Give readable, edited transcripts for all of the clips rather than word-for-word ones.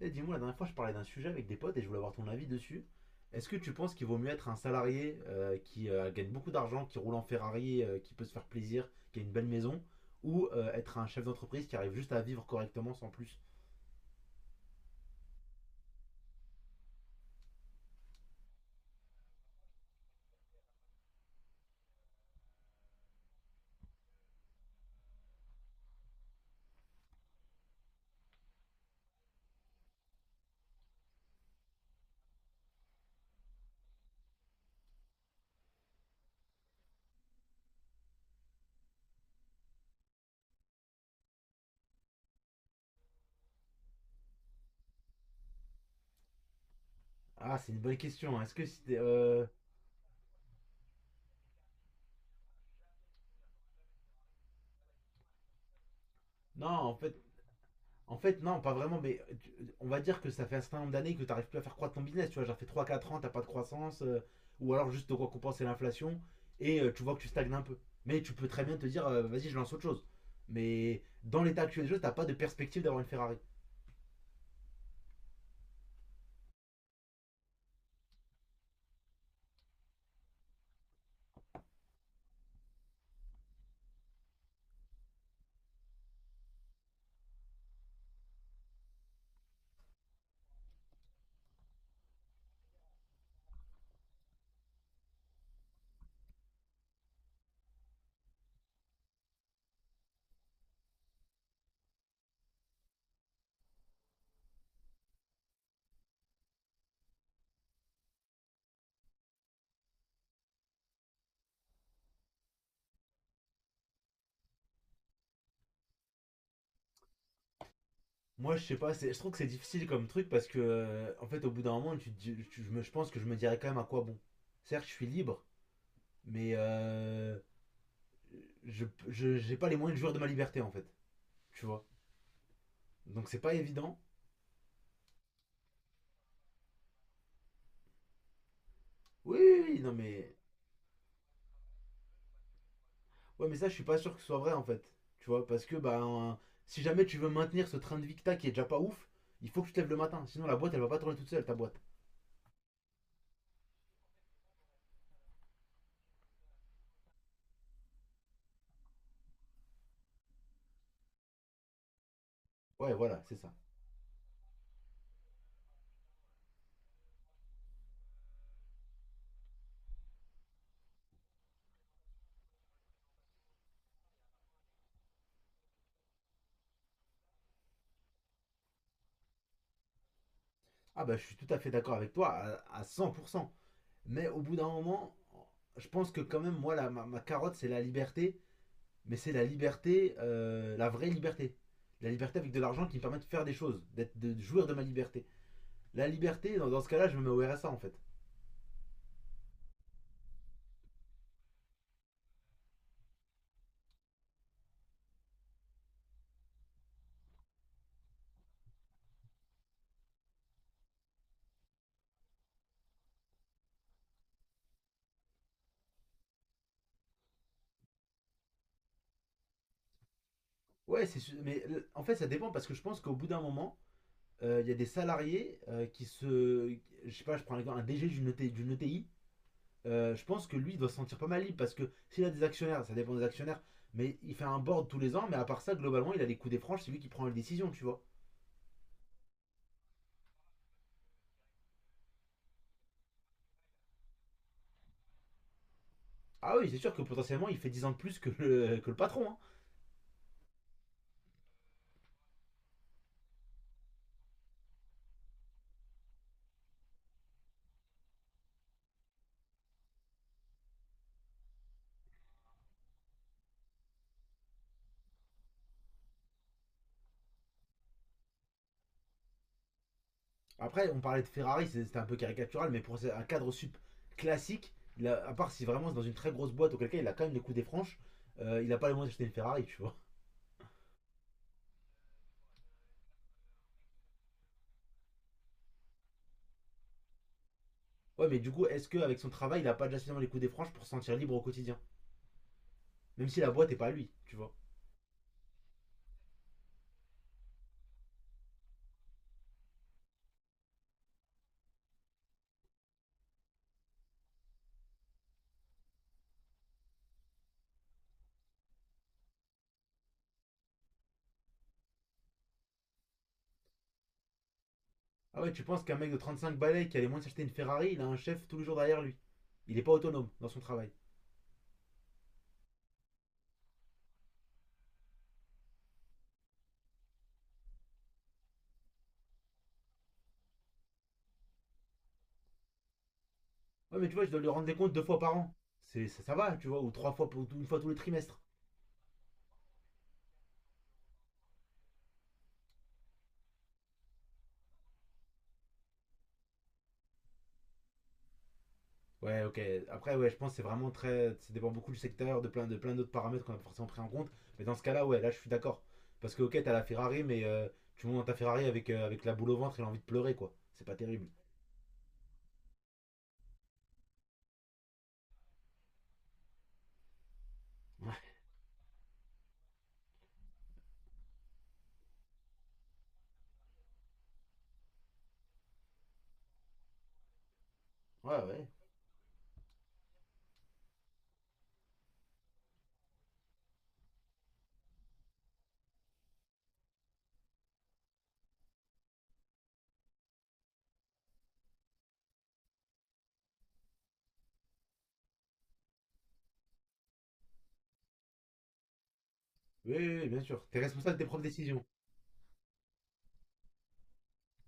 Eh, dis-moi, la dernière fois, je parlais d'un sujet avec des potes et je voulais avoir ton avis dessus. Est-ce que tu penses qu'il vaut mieux être un salarié qui gagne beaucoup d'argent, qui roule en Ferrari, qui peut se faire plaisir, qui a une belle maison, ou être un chef d'entreprise qui arrive juste à vivre correctement sans plus. Ah, c'est une bonne question, hein. Est-ce que si t'es. Non, en fait. En fait, non, pas vraiment, mais tu- On va dire que ça fait un certain nombre d'années que tu n'arrives plus à faire croître ton business. Tu vois, genre, fait 3, 4 ans, tu pas de croissance, ou alors juste de récompenser l'inflation, et tu vois que tu stagnes un peu. Mais tu peux très bien te dire, vas-y, je lance autre chose. Mais dans l'état actuel des choses, t'as pas de perspective d'avoir une Ferrari. Moi, je sais pas, je trouve que c'est difficile comme truc parce que, en fait, au bout d'un moment, tu, te dis- tu- je, me- je pense que je me dirais quand même à quoi bon. Certes, je suis libre, mais euh, j'ai pas les moyens de jouir de ma liberté, en fait. Tu vois. Donc, c'est pas évident. Oui, oui, oui, non, mais. Ouais, mais ça, je suis pas sûr que ce soit vrai en fait. Tu vois, parce que bah, si jamais tu veux maintenir ce train de vie que t'as qui est déjà pas ouf, il faut que tu te lèves le matin. Sinon, la boîte, elle va pas tourner toute seule, ta boîte. Ouais, voilà, c'est ça. Ah, bah, je suis tout à fait d'accord avec toi à 100%. Mais au bout d'un moment, je pense que quand même, moi, ma, ma carotte, c'est la liberté. Mais c'est la liberté, la vraie liberté. La liberté avec de l'argent qui me permet de faire des choses, d'être, de jouir de ma liberté. La liberté, dans, dans ce cas-là, je me mets au RSA en fait. Ouais, c'est su- mais en fait, ça dépend parce que je pense qu'au bout d'un moment, il y a des salariés qui se. Je sais pas, je prends l'exemple, un DG d'une ETI, je pense que lui, il doit se sentir pas mal libre parce que s'il a des actionnaires, ça dépend des actionnaires, mais il fait un board tous les ans, mais à part ça, globalement, il a les coups des franges, c'est lui qui prend les décisions, tu vois. Ah oui, c'est sûr que potentiellement, il fait 10 ans de plus que le patron, hein. Après, on parlait de Ferrari, c'était un peu caricatural, mais pour un cadre sup classique, à part si vraiment c'est dans une très grosse boîte, auquel cas il a quand même les coups des franges, il n'a pas les moyens d'acheter une Ferrari, tu vois. Ouais, mais du coup, est-ce qu'avec son travail, il n'a pas déjà suffisamment les coups des franges pour se sentir libre au quotidien? Même si la boîte est pas à lui, tu vois. Ah ouais, tu penses qu'un mec de 35 balais qui a les moyens de s'acheter une Ferrari, il a un chef tous les jours derrière lui. Il est pas autonome dans son travail. Ouais, mais tu vois, je dois lui rendre des comptes 2 fois par an. C'est, ça va, tu vois, ou trois fois, une fois tous les trimestres. Ouais, ok. Après, ouais, je pense que c'est vraiment très. Ça dépend beaucoup du secteur, de plein d'autres paramètres qu'on a forcément pris en compte. Mais dans ce cas-là, ouais, là, je suis d'accord. Parce que, ok, t'as la Ferrari, tu montes dans ta Ferrari avec, avec la boule au ventre et l'envie de pleurer, quoi. C'est pas terrible. Ouais, ouais, ouais. Oui, oui, oui, bien sûr. T'es responsable de tes propres décisions.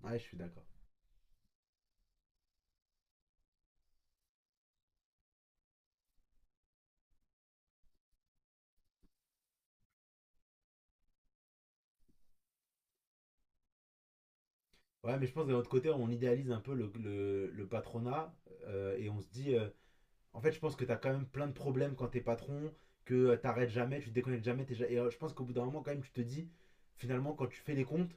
Ouais, je suis d'accord. Ouais, mais je pense que d'un autre côté, on idéalise un peu le patronat et on se dit, en fait, je pense que t'as quand même plein de problèmes quand t'es patron, que t'arrêtes jamais, tu te déconnectes jamais. T'es ja- et je pense qu'au bout d'un moment, quand même, tu te dis, finalement, quand tu fais les comptes,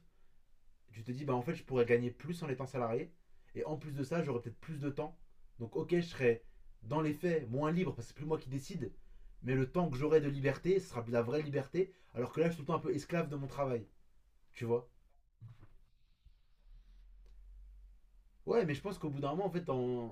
tu te dis, bah en fait, je pourrais gagner plus en étant salarié. Et en plus de ça, j'aurais peut-être plus de temps. Donc, ok, je serais dans les faits moins libre parce que c'est plus moi qui décide. Mais le temps que j'aurai de liberté, ce sera de la vraie liberté. Alors que là, je suis tout le temps un peu esclave de mon travail. Tu vois? Ouais, mais je pense qu'au bout d'un moment, en fait, en-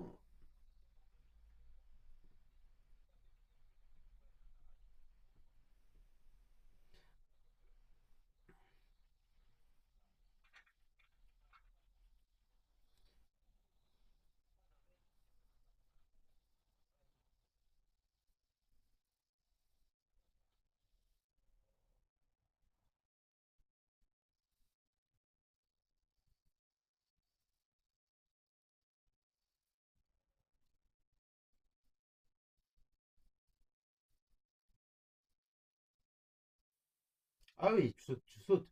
Ah oui, tu sautes, tu sautes.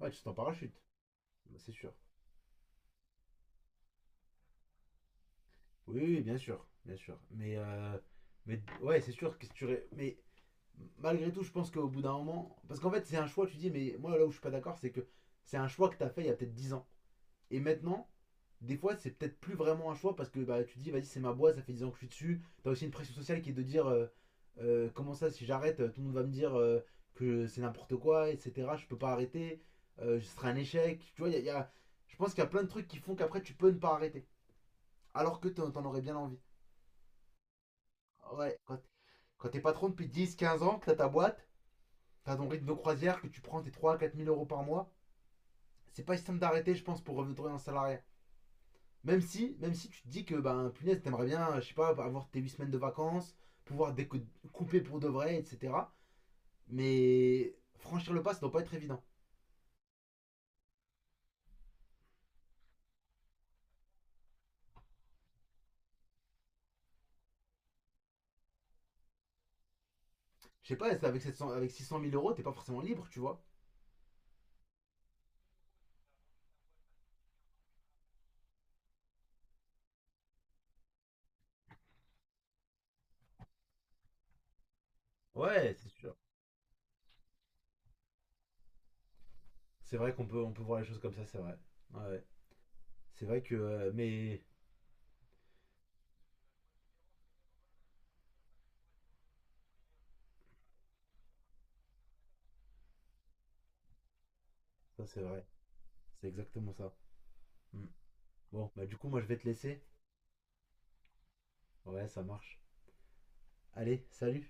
Ouais, tu sautes en parachute. Bah, c'est sûr. Oui, oui, oui, bien sûr, bien sûr. Mais ouais, c'est sûr que si tu. Ré- mais malgré tout, je pense qu'au bout d'un moment. Parce qu'en fait, c'est un choix, tu dis, mais moi, là où je suis pas d'accord, c'est que c'est un choix que t'as fait il y a peut-être 10 ans. Et maintenant, des fois, c'est peut-être plus vraiment un choix parce que bah, tu te dis, vas-y, c'est ma boîte, ça fait 10 ans que je suis dessus. T'as aussi une pression sociale qui est de dire, comment ça, si j'arrête, tout le monde va me dire que c'est n'importe quoi, etc. Je peux pas arrêter, ce sera un échec. Tu vois, il y a- y a- je pense qu'il y a plein de trucs qui font qu'après, tu peux ne pas arrêter. Alors que t'en aurais bien envie. Ouais, quand t'es patron depuis 10, 15 ans, que t'as ta boîte, t'as ton rythme de croisière, que tu prends tes 3, à 4 000 euros par mois, c'est pas si simple d'arrêter, je pense, pour revenir en salarié. Même si tu te dis que, ben, punaise, t'aimerais bien, je sais pas, avoir tes 8 semaines de vacances, pouvoir découper pour de vrai, etc. Mais franchir le pas, ça doit pas être évident. Je sais pas, c'est avec 600 000 euros, t'es pas forcément libre, tu vois. Ouais, c'est sûr. C'est vrai qu'on peut, on peut voir les choses comme ça, c'est vrai. Ouais. C'est vrai que. Mais. Ça, c'est vrai. C'est exactement ça. Mm. Bon, bah, du coup, moi, je vais te laisser. Ouais, ça marche. Allez, salut!